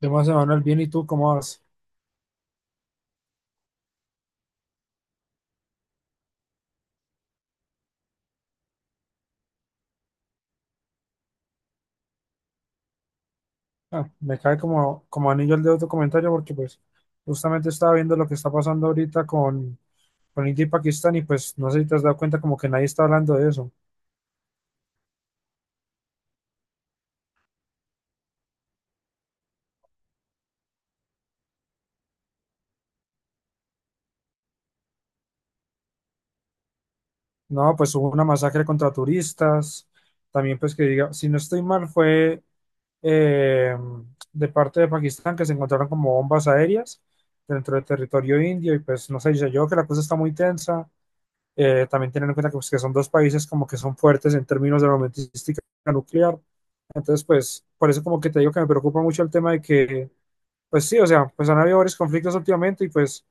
De más, Emanuel, bien, ¿y tú cómo vas? Ah, me cae como, como anillo al dedo tu comentario porque pues justamente estaba viendo lo que está pasando ahorita con India y Pakistán y pues no sé si te has dado cuenta como que nadie está hablando de eso. No, pues hubo una masacre contra turistas, también pues que diga, si no estoy mal fue eh, de parte de Pakistán que se encontraron como bombas aéreas dentro del territorio indio y pues no sé, dice yo que la cosa está muy tensa. También tener en cuenta que, pues, que son dos países como que son fuertes en términos de armamentística nuclear. Entonces, pues, por eso como que te digo que me preocupa mucho el tema de que, pues sí, o sea, pues han habido varios conflictos últimamente y pues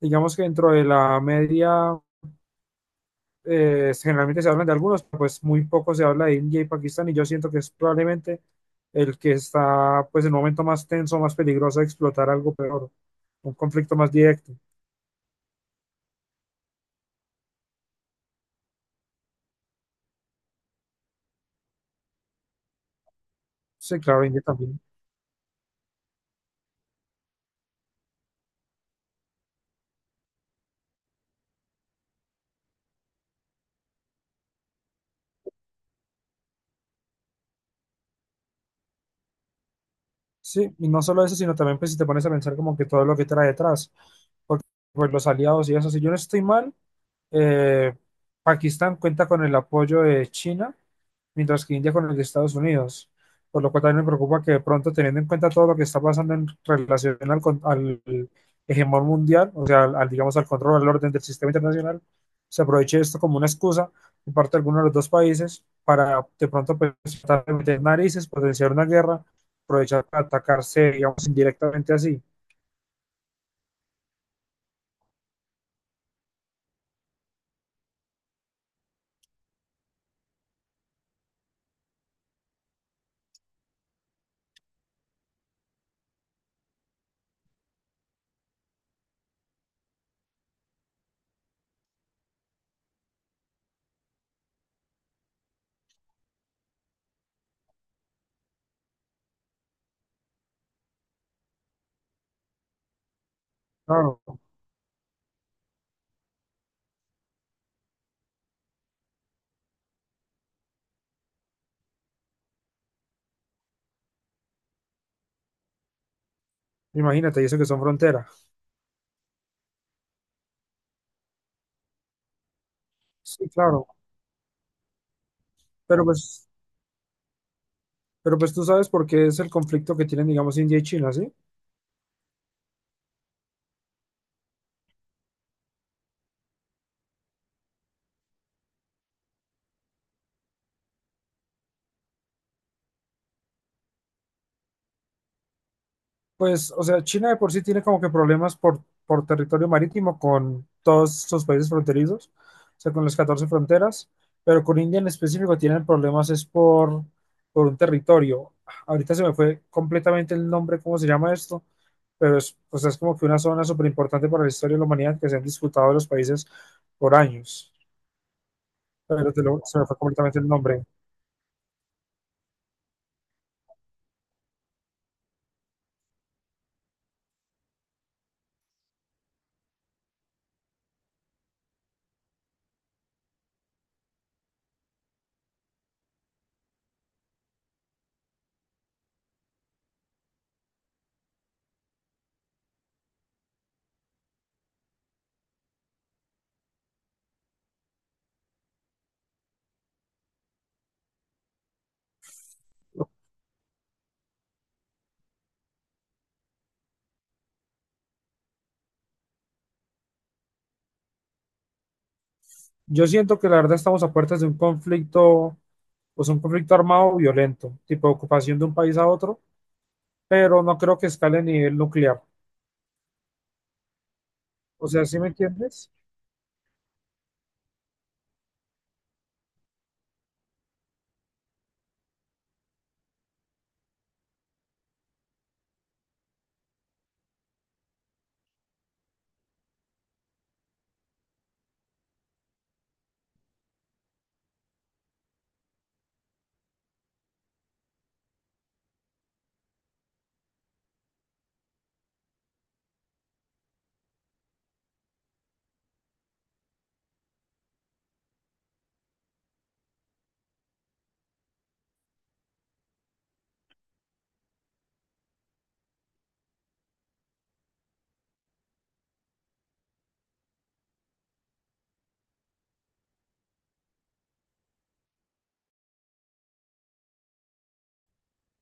digamos que dentro de la media generalmente se hablan de algunos, pero pues muy poco se habla de India y Pakistán y yo siento que es probablemente el que está pues en un momento más tenso, más peligroso de explotar algo peor, un conflicto más directo. Sí, claro, India también. Sí, y no solo eso, sino también pues si te pones a pensar como que todo lo que trae detrás, porque pues los aliados y eso, si yo no estoy mal, eh, Pakistán cuenta con el apoyo de China, mientras que India con el de Estados Unidos, por lo cual también me preocupa que de pronto teniendo en cuenta todo lo que está pasando en relación al, al hegemón mundial, o sea, digamos al control, al orden del sistema internacional, se aproveche esto como una excusa por parte de alguno de los dos países para de pronto pues, tratar de meter narices, potenciar una guerra, aprovechar para atacarse, digamos, indirectamente así. Claro, imagínate, y eso que son fronteras. Sí, claro, pero pues, pero pues tú sabes por qué es el conflicto que tienen, digamos, India y China, ¿sí? Pues, o sea, China de por sí tiene como que problemas por territorio marítimo con todos sus países fronterizos, o sea, con las 14 fronteras, pero con India en específico tienen problemas es por un territorio. Ahorita se me fue completamente el nombre, cómo se llama esto, pero es, o sea, es como que una zona súper importante para la historia de la humanidad que se han disputado los países por años, pero se me fue completamente el nombre. Yo siento que la verdad estamos a puertas de un conflicto, pues un conflicto armado violento, tipo ocupación de un país a otro, pero no creo que escale a nivel nuclear. O sea, ¿sí me entiendes?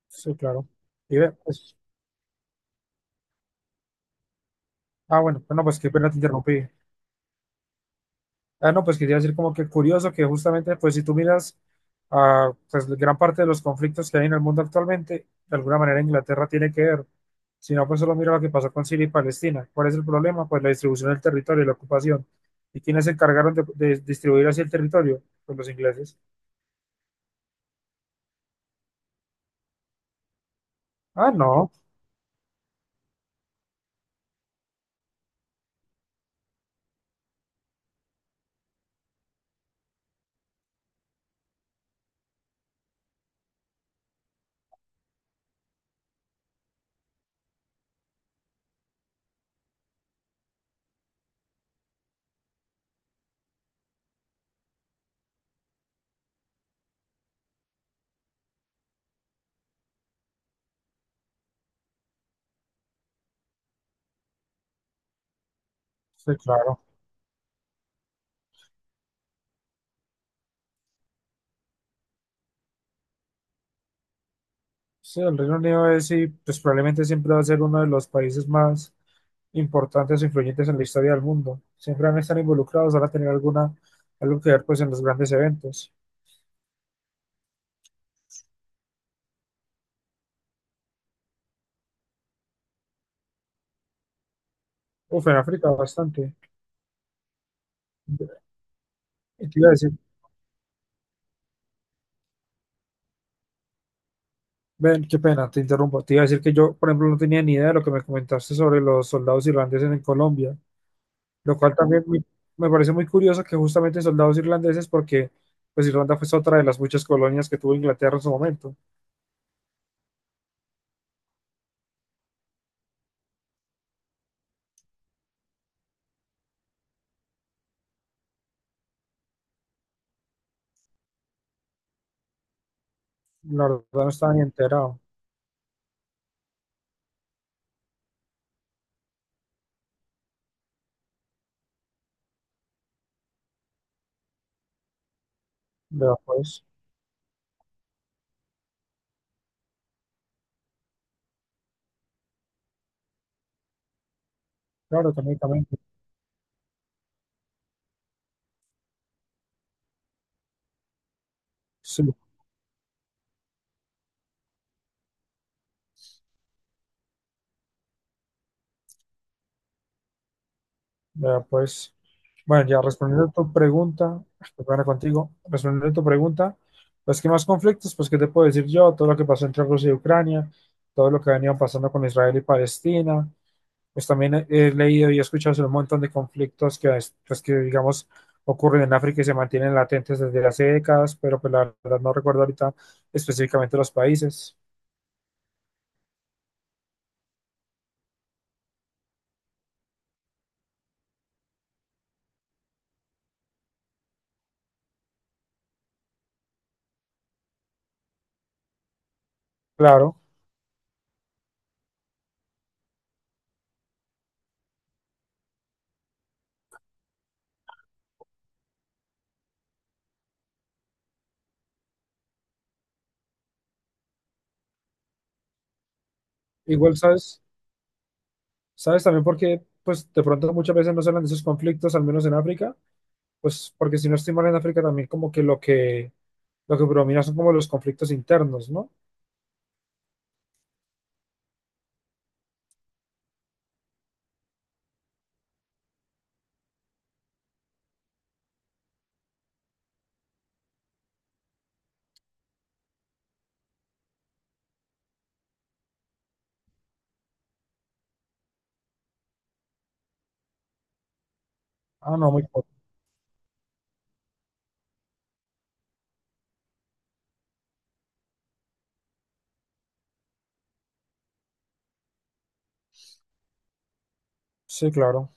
Sí, claro. Y ve, pues, ah, pues qué pena te interrumpí. Ah, no, pues quería decir como que curioso que justamente, pues si tú miras a pues, gran parte de los conflictos que hay en el mundo actualmente, de alguna manera Inglaterra tiene que ver. Si no, pues solo mira lo que pasó con Siria y Palestina. ¿Cuál es el problema? Pues la distribución del territorio y la ocupación. ¿Y quiénes se encargaron de distribuir así el territorio? Pues los ingleses. Ah, no, sí, claro. Sí, el Reino Unido es y pues probablemente siempre va a ser uno de los países más importantes o influyentes en la historia del mundo. Siempre van a estar involucrados, van a tener alguna, algo que ver pues en los grandes eventos. Uf, en África bastante. Y te iba a decir, ven, qué pena, te interrumpo. Te iba a decir que yo, por ejemplo, no tenía ni idea de lo que me comentaste sobre los soldados irlandeses en Colombia, lo cual también me parece muy curioso que justamente soldados irlandeses, porque pues Irlanda fue otra de las muchas colonias que tuvo Inglaterra en su momento. La verdad no estaba ni enterado. Pero pues, claro, también, sí. Ya, pues, bueno, ya respondiendo a tu pregunta, estoy ahora contigo, respondiendo a tu pregunta, pues, ¿qué más conflictos? Pues, ¿qué te puedo decir yo? Todo lo que pasó entre Rusia y Ucrania, todo lo que venía pasando con Israel y Palestina, pues también he leído y he escuchado sobre un montón de conflictos que, pues, que, digamos, ocurren en África y se mantienen latentes desde hace décadas, pero pues la verdad no recuerdo ahorita específicamente los países. Claro, igual sabes, sabes también porque, pues, de pronto muchas veces no se hablan de esos conflictos, al menos en África, pues porque si no estoy mal en África también como que lo que predomina son como los conflictos internos, ¿no? Ah, no, muy poco. Sí, claro.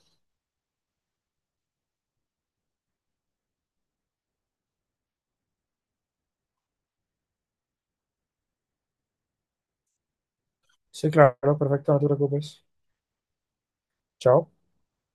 Sí, claro, perfecto, no te preocupes. Chao.